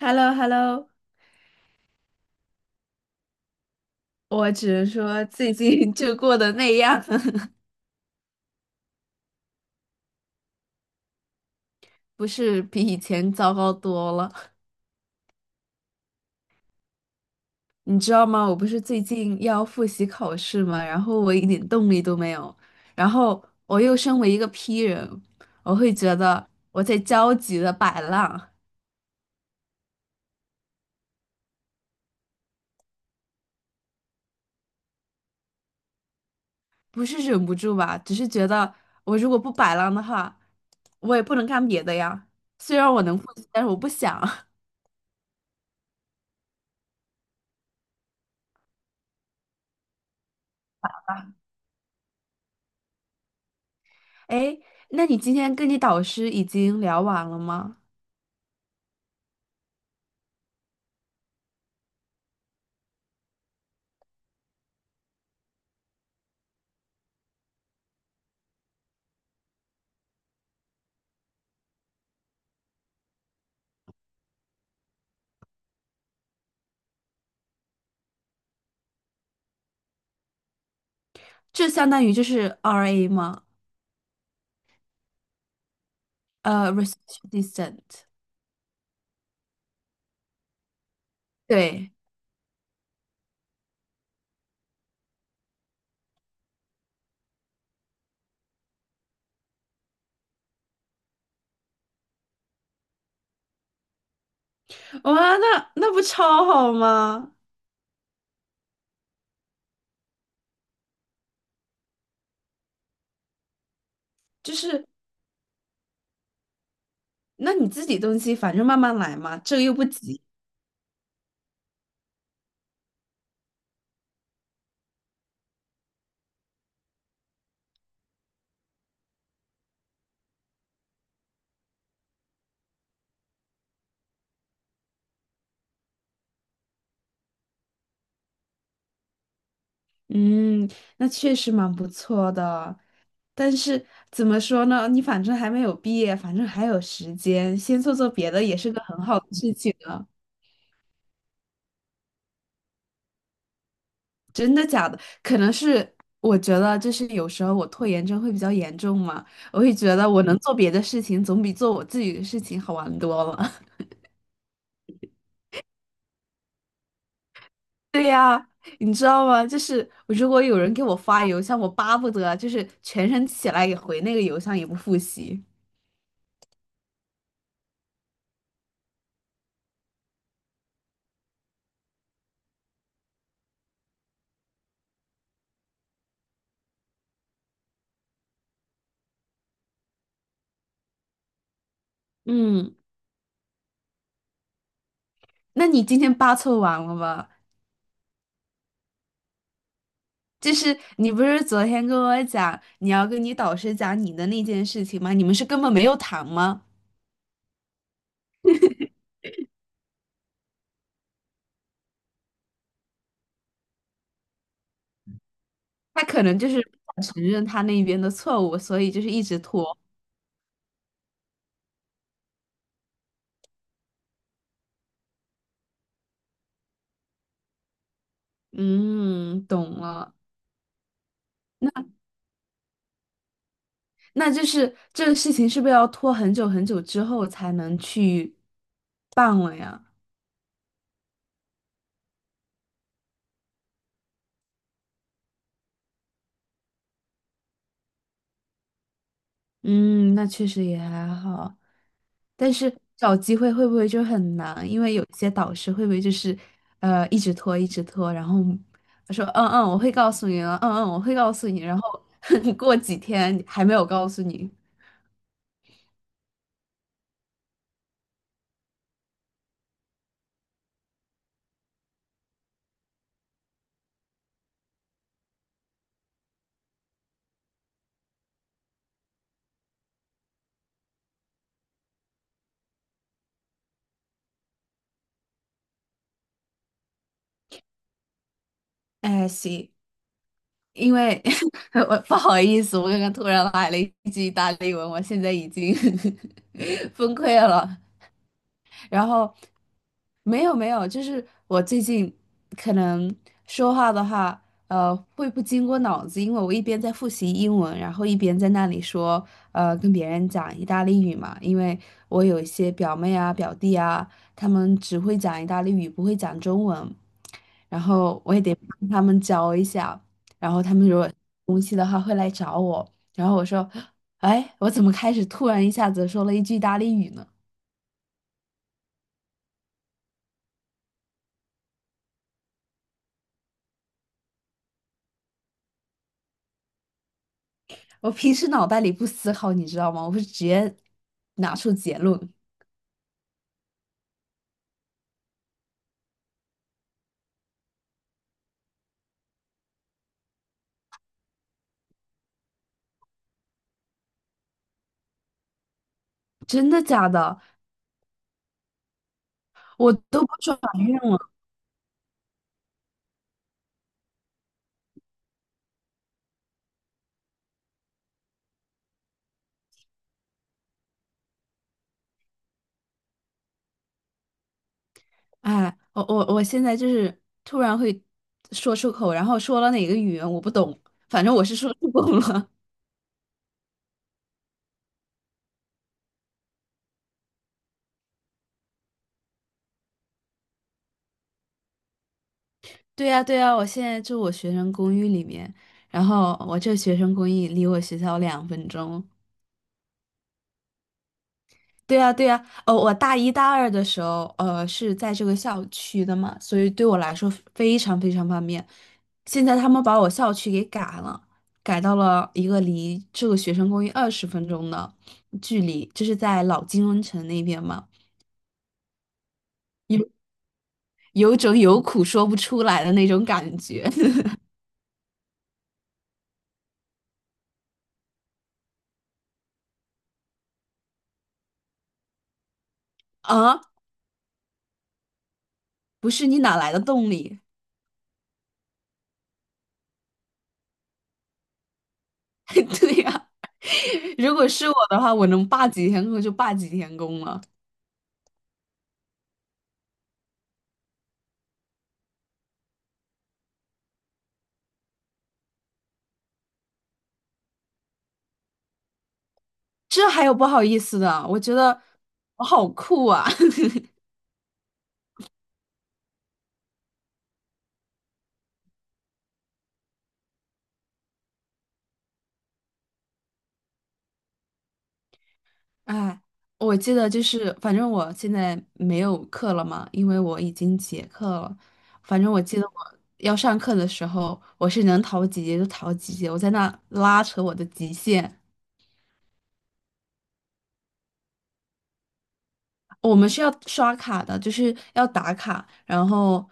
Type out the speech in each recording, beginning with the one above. h e l l o h e l l o 我只能说最近 就过得那样。不是比以前糟糕多了。你知道吗？我不是最近要复习考试嘛，然后我一点动力都没有，然后我又身为一个 P 人，我会觉得我在焦急的摆烂，不是忍不住吧，只是觉得我如果不摆烂的话，我也不能干别的呀。虽然我能复习，但是我不想。哎，那你今天跟你导师已经聊完了吗？这相当于就是 RA 吗？research assistant。对，哇，那不超好吗？就是那你自己东西，反正慢慢来嘛，这个又不急。嗯，那确实蛮不错的。但是怎么说呢？你反正还没有毕业，反正还有时间，先做做别的也是个很好的事情啊。真的假的？可能是我觉得，就是有时候我拖延症会比较严重嘛，我会觉得我能做别的事情，总比做我自己的事情好玩多了。对呀，你知道吗？就是如果有人给我发邮箱，我巴不得就是全身起来也回那个邮箱，也不复习。嗯，那你今天八凑完了吗？就是你不是昨天跟我讲你要跟你导师讲你的那件事情吗？你们是根本没有谈吗？他可能就是不想承认他那边的错误，所以就是一直拖。嗯，懂了。那那就是这个事情是不是要拖很久很久之后才能去办了呀？嗯，那确实也还好，但是找机会会不会就很难？因为有些导师会不会就是一直拖一直拖，然后他说嗯嗯我会告诉你了，嗯嗯我会告诉你，然后 过几天还没有告诉你。哎，行。因为 我不好意思，我刚刚突然来了一句意大利文，我现在已经 崩溃了。然后没有没有，就是我最近可能说话的话，会不经过脑子，因为我一边在复习英文，然后一边在那里说，跟别人讲意大利语嘛。因为我有一些表妹啊、表弟啊，他们只会讲意大利语，不会讲中文，然后我也得帮他们教一下。然后他们说。他会来找我，然后我说，哎，我怎么开始突然一下子说了一句意大利语呢？我平时脑袋里不思考，你知道吗？我会直接拿出结论。真的假的？我都不转运了。哎，我现在就是突然会说出口，然后说了哪个语言我不懂，反正我是说出口了。对呀，对呀，我现在住我学生公寓里面，然后我这学生公寓离我学校2分钟。对呀，对呀，我大一大二的时候，是在这个校区的嘛，所以对我来说非常非常方便。现在他们把我校区给改了，改到了一个离这个学生公寓20分钟的距离，就是在老金融城那边嘛。有有种有苦说不出来的那种感觉。 啊！不是你哪来的动力？对呀，如果是我的话，我能罢几天工就罢几天工了。这还有不好意思的，我觉得我好酷啊！哎，我记得就是，反正我现在没有课了嘛，因为我已经结课了。反正我记得我要上课的时候，我是能逃几节就逃几节，我在那拉扯我的极限。我们是要刷卡的，就是要打卡，然后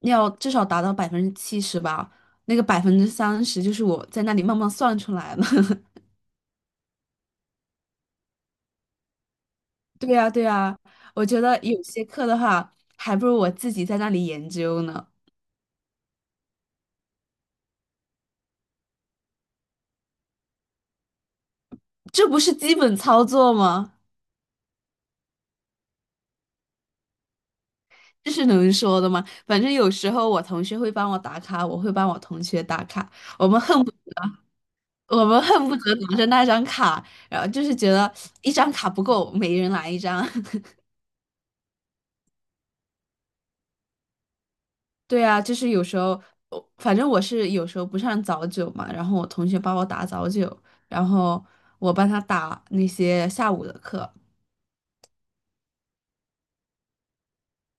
要至少达到70%吧。那个30%就是我在那里慢慢算出来的。对呀，对呀，我觉得有些课的话，还不如我自己在那里研究呢。这不是基本操作吗？这是能说的吗？反正有时候我同学会帮我打卡，我会帮我同学打卡，我们恨不我们恨不得拿着那张卡，然后就是觉得一张卡不够，每人来一张。对啊，就是有时候，我反正我是有时候不上早九嘛，然后我同学帮我打早九，然后我帮他打那些下午的课。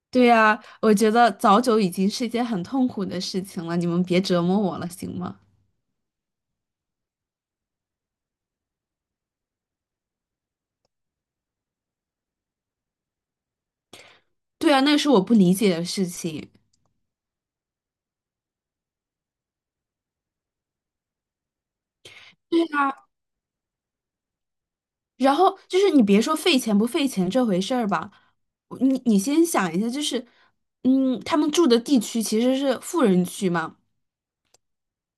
对呀，我觉得早九已经是一件很痛苦的事情了，你们别折磨我了，行吗？对啊，那是我不理解的事情。对啊，然后就是你别说费钱不费钱这回事儿吧，你先想一下，就是，嗯，他们住的地区其实是富人区嘛，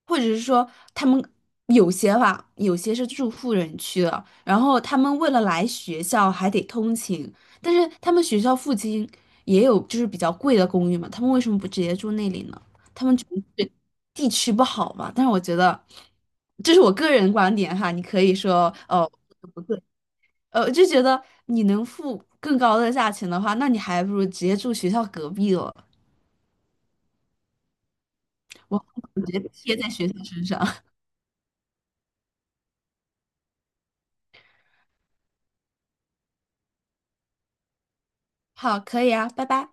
或者是说他们有些吧，有些是住富人区的，然后他们为了来学校还得通勤，但是他们学校附近也有就是比较贵的公寓嘛，他们为什么不直接住那里呢？他们觉得是地区不好吧？但是我觉得这是我个人观点哈，你可以说哦。对，我就觉得你能付更高的价钱的话，那你还不如直接住学校隔壁了，我直接贴在学校身上。好，可以啊，拜拜。